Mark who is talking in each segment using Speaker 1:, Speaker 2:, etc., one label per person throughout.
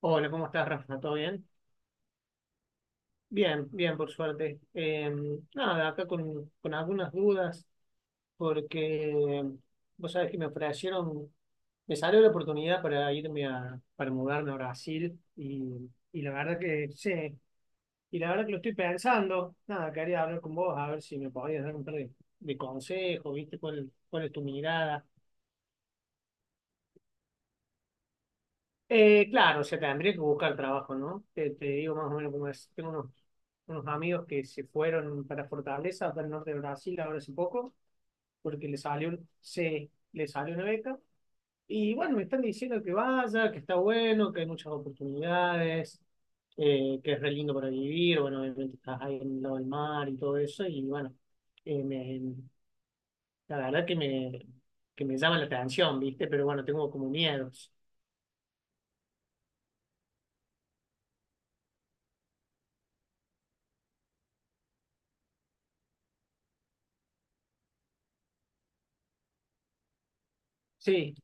Speaker 1: Hola, ¿cómo estás, Rafa? ¿Todo bien? Bien, bien, por suerte. Nada, acá con algunas dudas, porque vos sabés que me ofrecieron, me salió la oportunidad para irme para mudarme a Brasil, y la verdad que sí, y la verdad que lo estoy pensando. Nada, quería hablar con vos, a ver si me podías dar un par de consejos, ¿viste? ¿Cuál es tu mirada? Claro, o sea, tendría que buscar trabajo, ¿no? Te digo más o menos cómo es. Tengo unos amigos que se fueron para Fortaleza, para el norte de Brasil, ahora hace poco, porque le salió, le salió una beca. Y bueno, me están diciendo que vaya, que está bueno, que hay muchas oportunidades, que es re lindo para vivir. Bueno, obviamente estás ahí en el lado del mar y todo eso. Y bueno, eh, me- la verdad que me llama la atención, ¿viste? Pero bueno, tengo como miedos. Sí.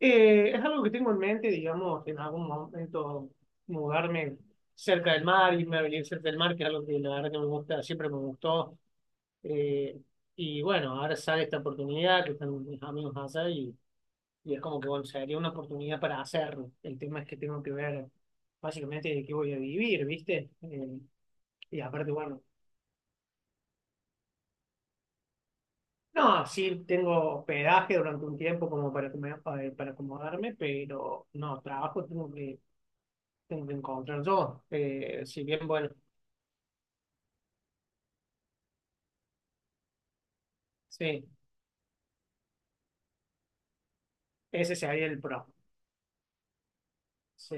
Speaker 1: Es algo que tengo en mente, digamos, en algún momento mudarme cerca del mar, irme a venir cerca del mar, que es algo que la verdad que me gusta, siempre me gustó. Eh, y bueno, ahora sale esta oportunidad que están mis amigos allá y es como que, bueno, sería una oportunidad para hacerlo. El tema es que tengo que ver básicamente de qué voy a vivir, ¿viste? Y aparte, bueno, no, sí tengo hospedaje durante un tiempo como para, para acomodarme, pero no, trabajo tengo que encontrar yo. Si bien, bueno, sí, ese sería el pro. Sí,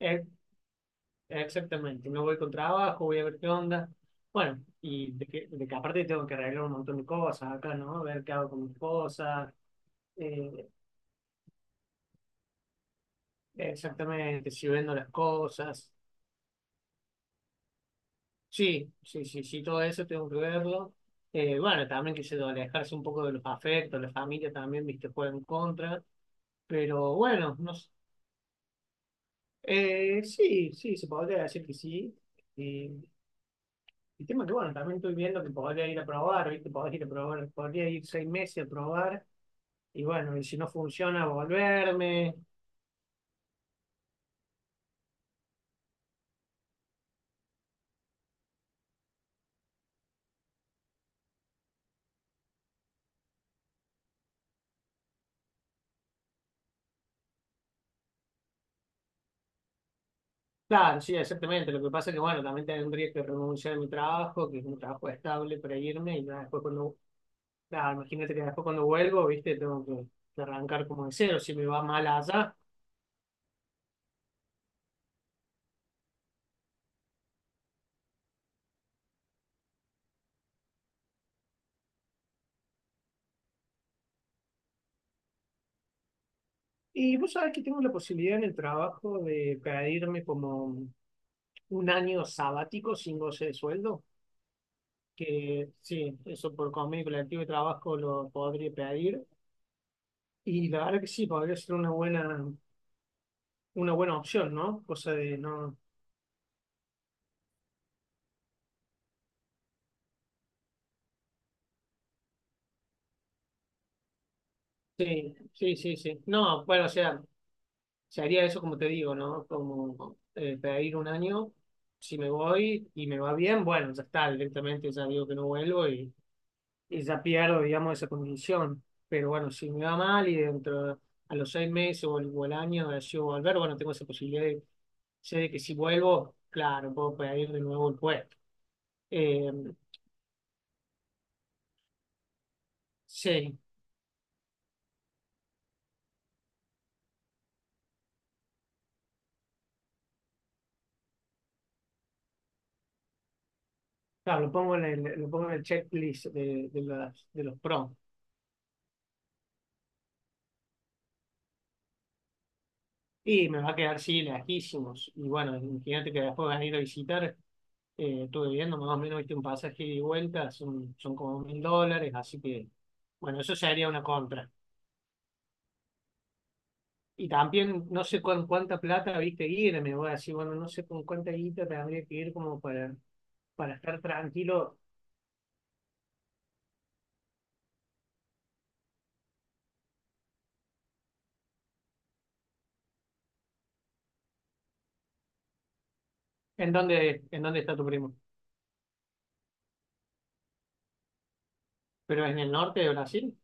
Speaker 1: e- exactamente. Me voy con trabajo, voy a ver qué onda. Bueno, y de que aparte tengo que arreglar un montón de cosas acá, ¿no? A ver qué hago con mis cosas. eh, exactamente, si vendo las cosas. Sí, sí, sí, sí, todo eso tengo que verlo. Bueno, también que se alejarse un poco de los afectos, la familia también, viste, juega en contra. Pero bueno, no. Sí, sí, se podría decir que sí. Eh, el tema que, bueno, también estoy viendo que podría ir a probar, ¿viste? Podría ir a probar, podría ir 6 meses a probar y, bueno, y si no funciona, volverme. Claro, sí, exactamente. Lo que pasa es que, bueno, también tendría que renunciar a mi trabajo, que es un trabajo estable para irme y ya después cuando, claro, imagínate que después cuando vuelvo, ¿viste? Tengo que arrancar como de cero si me va mal allá. Y vos sabés que tengo la posibilidad en el trabajo de pedirme como un año sabático sin goce de sueldo, que sí, eso por convenio colectivo de trabajo lo podría pedir. Y la verdad que sí, podría ser una buena opción, ¿no? Cosa de no. Sí, sí, sí, sí. No, bueno, o sea, se haría eso como te digo, ¿no? Como pedir un año, si me voy y me va bien, bueno, ya está, directamente ya digo que no vuelvo y ya pierdo, digamos, esa condición. Pero bueno, si me va mal y a los 6 meses o o el año decido volver, bueno, tengo esa posibilidad sé de que si vuelvo, claro, puedo pedir de nuevo el puesto. Eh, sí, claro, lo pongo en el checklist de los pros. Y me va a quedar, sí, lejísimos. Y bueno, imagínate que después van a ir a visitar. Estuve viendo más o menos, viste, un pasaje ida y vuelta, son como US$1.000, así que, bueno, eso sería una contra. Y también no sé con cuánta plata, viste, irme me voy a decir, bueno, no sé con cuánta guita tendría que ir como para estar tranquilo. ¿En dónde está tu primo? ¿Pero en el norte de Brasil?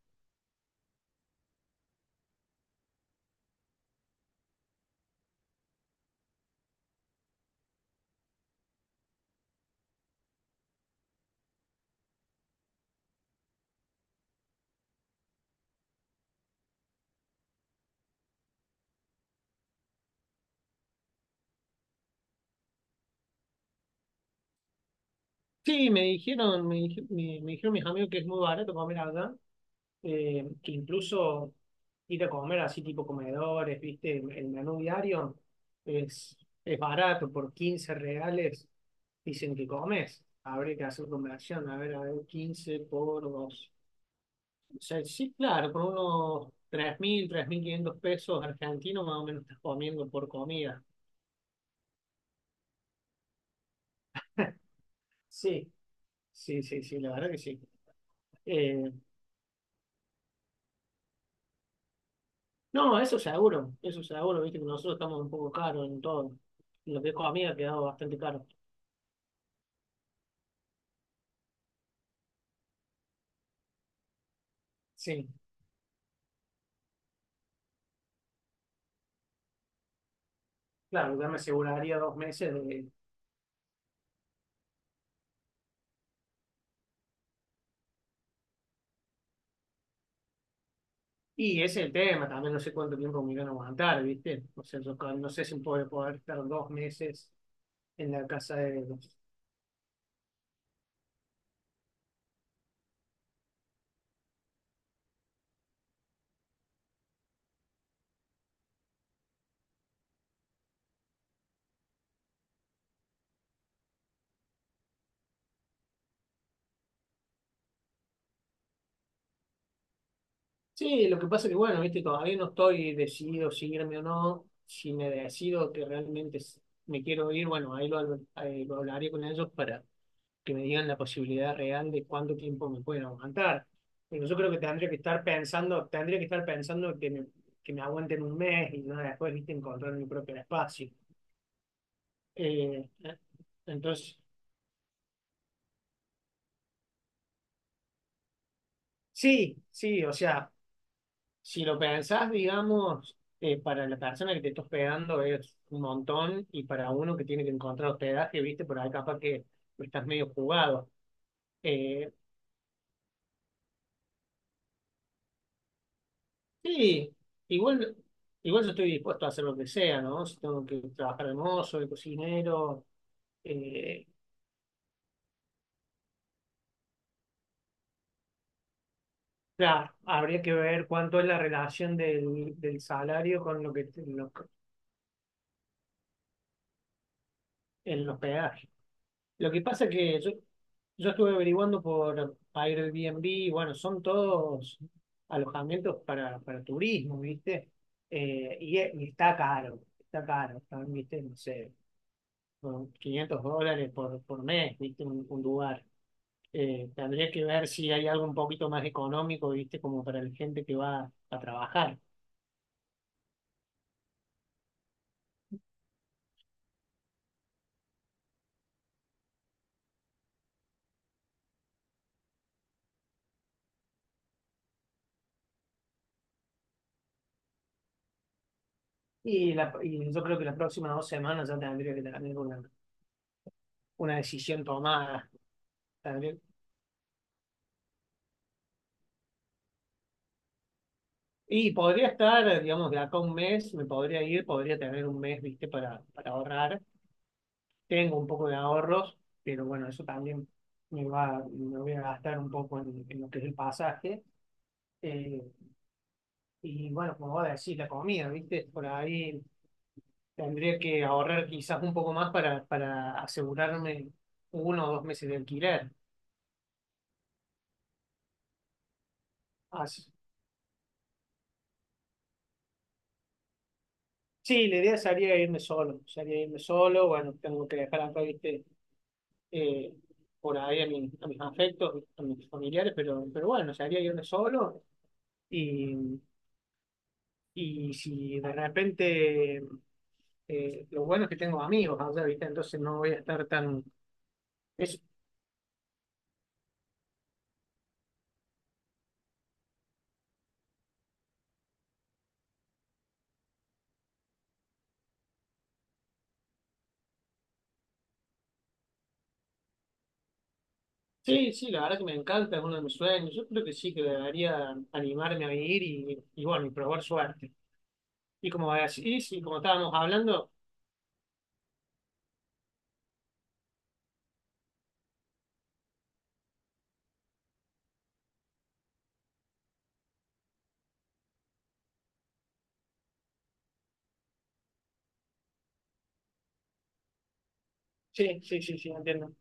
Speaker 1: Sí, me dijeron, me dijeron mis amigos que es muy barato comer allá, que incluso ir a comer así tipo comedores, viste, el menú diario es, es barato, por 15 reales dicen que comes. Habría que hacer conversión, a ver, 15 por dos. O sea, sí, claro, con unos tres mil tres mil quinientos pesos argentinos más o menos estás comiendo por comida. Sí, sí, sí, sí, la verdad que sí. Eh, no, eso seguro, viste que nosotros estamos un poco caros en todo. Lo que es comida ha quedado bastante caro. Sí, claro, ya me aseguraría 2 meses de... Y ese es el tema, también no sé cuánto tiempo me irán a aguantar, ¿viste? O sea, yo no sé si puedo poder estar 2 meses en la casa de ellos. Sí, lo que pasa que, bueno, viste, todavía no estoy decidido si irme o no. Si me decido que realmente me quiero ir, bueno, ahí lo hablaré con ellos para que me digan la posibilidad real de cuánto tiempo me pueden aguantar. Pero yo creo que tendría que estar pensando, tendría que estar pensando que me aguanten un mes y no después, viste, encontrar mi propio espacio. Eh, eh, entonces, sí, sí, o sea. Si lo pensás, digamos, para la persona que te está hospedando es un montón y para uno que tiene que encontrar hospedaje, viste, por ahí capaz que estás medio jugado. Eh, sí, igual, igual yo estoy dispuesto a hacer lo que sea, ¿no? Si tengo que trabajar de mozo, de cocinero, eh, claro, habría que ver cuánto es la relación del salario con el hospedaje. Lo que pasa que yo estuve averiguando por Airbnb, y bueno, son todos alojamientos para turismo, ¿viste? Y, y está caro, están, ¿viste? No sé, con US$500 por mes, ¿viste? Un lugar. Tendría que ver si hay algo un poquito más económico, ¿viste? Como para la gente que va a trabajar. Y yo creo que las próximas 2 semanas ya tendría que tener una decisión tomada. Tendría Y podría estar, digamos, de acá a un mes, me podría ir, podría tener un mes, viste, para ahorrar. Tengo un poco de ahorros, pero bueno, eso también me voy a gastar un poco en lo que es el pasaje. Eh, y bueno, como voy a decir, la comida, viste, por ahí tendría que ahorrar quizás un poco más para asegurarme 1 o 2 meses de alquiler. Así- Sí, la idea sería irme solo, bueno, tengo que dejar acá, viste eh, por ahí a mis afectos, a mis familiares, pero bueno, se haría irme solo y, y si de repente lo bueno es que tengo amigos allá, ¿viste? Entonces no voy a estar tan... es- sí, sí, la verdad que me encanta, es uno de mis sueños, yo creo que sí, que debería animarme a ir y bueno, y probar suerte. Y como así, sí, como estábamos hablando, sí, sí, sí, sí, entiendo.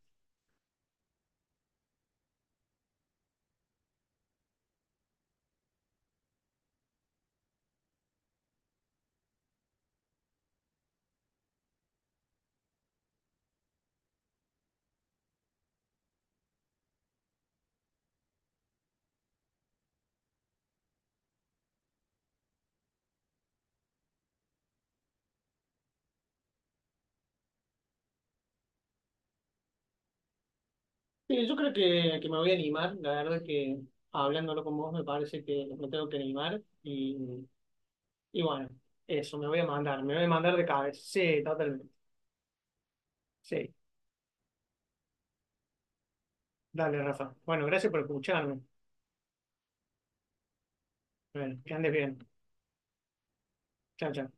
Speaker 1: Sí, yo creo que me voy a animar, la verdad que hablándolo con vos me parece que me tengo que animar y bueno, eso, me voy a mandar, me voy a mandar de cabeza, sí, totalmente, sí, dale Rafa. Bueno, gracias por escucharme, bueno, que andes bien, chao, chao.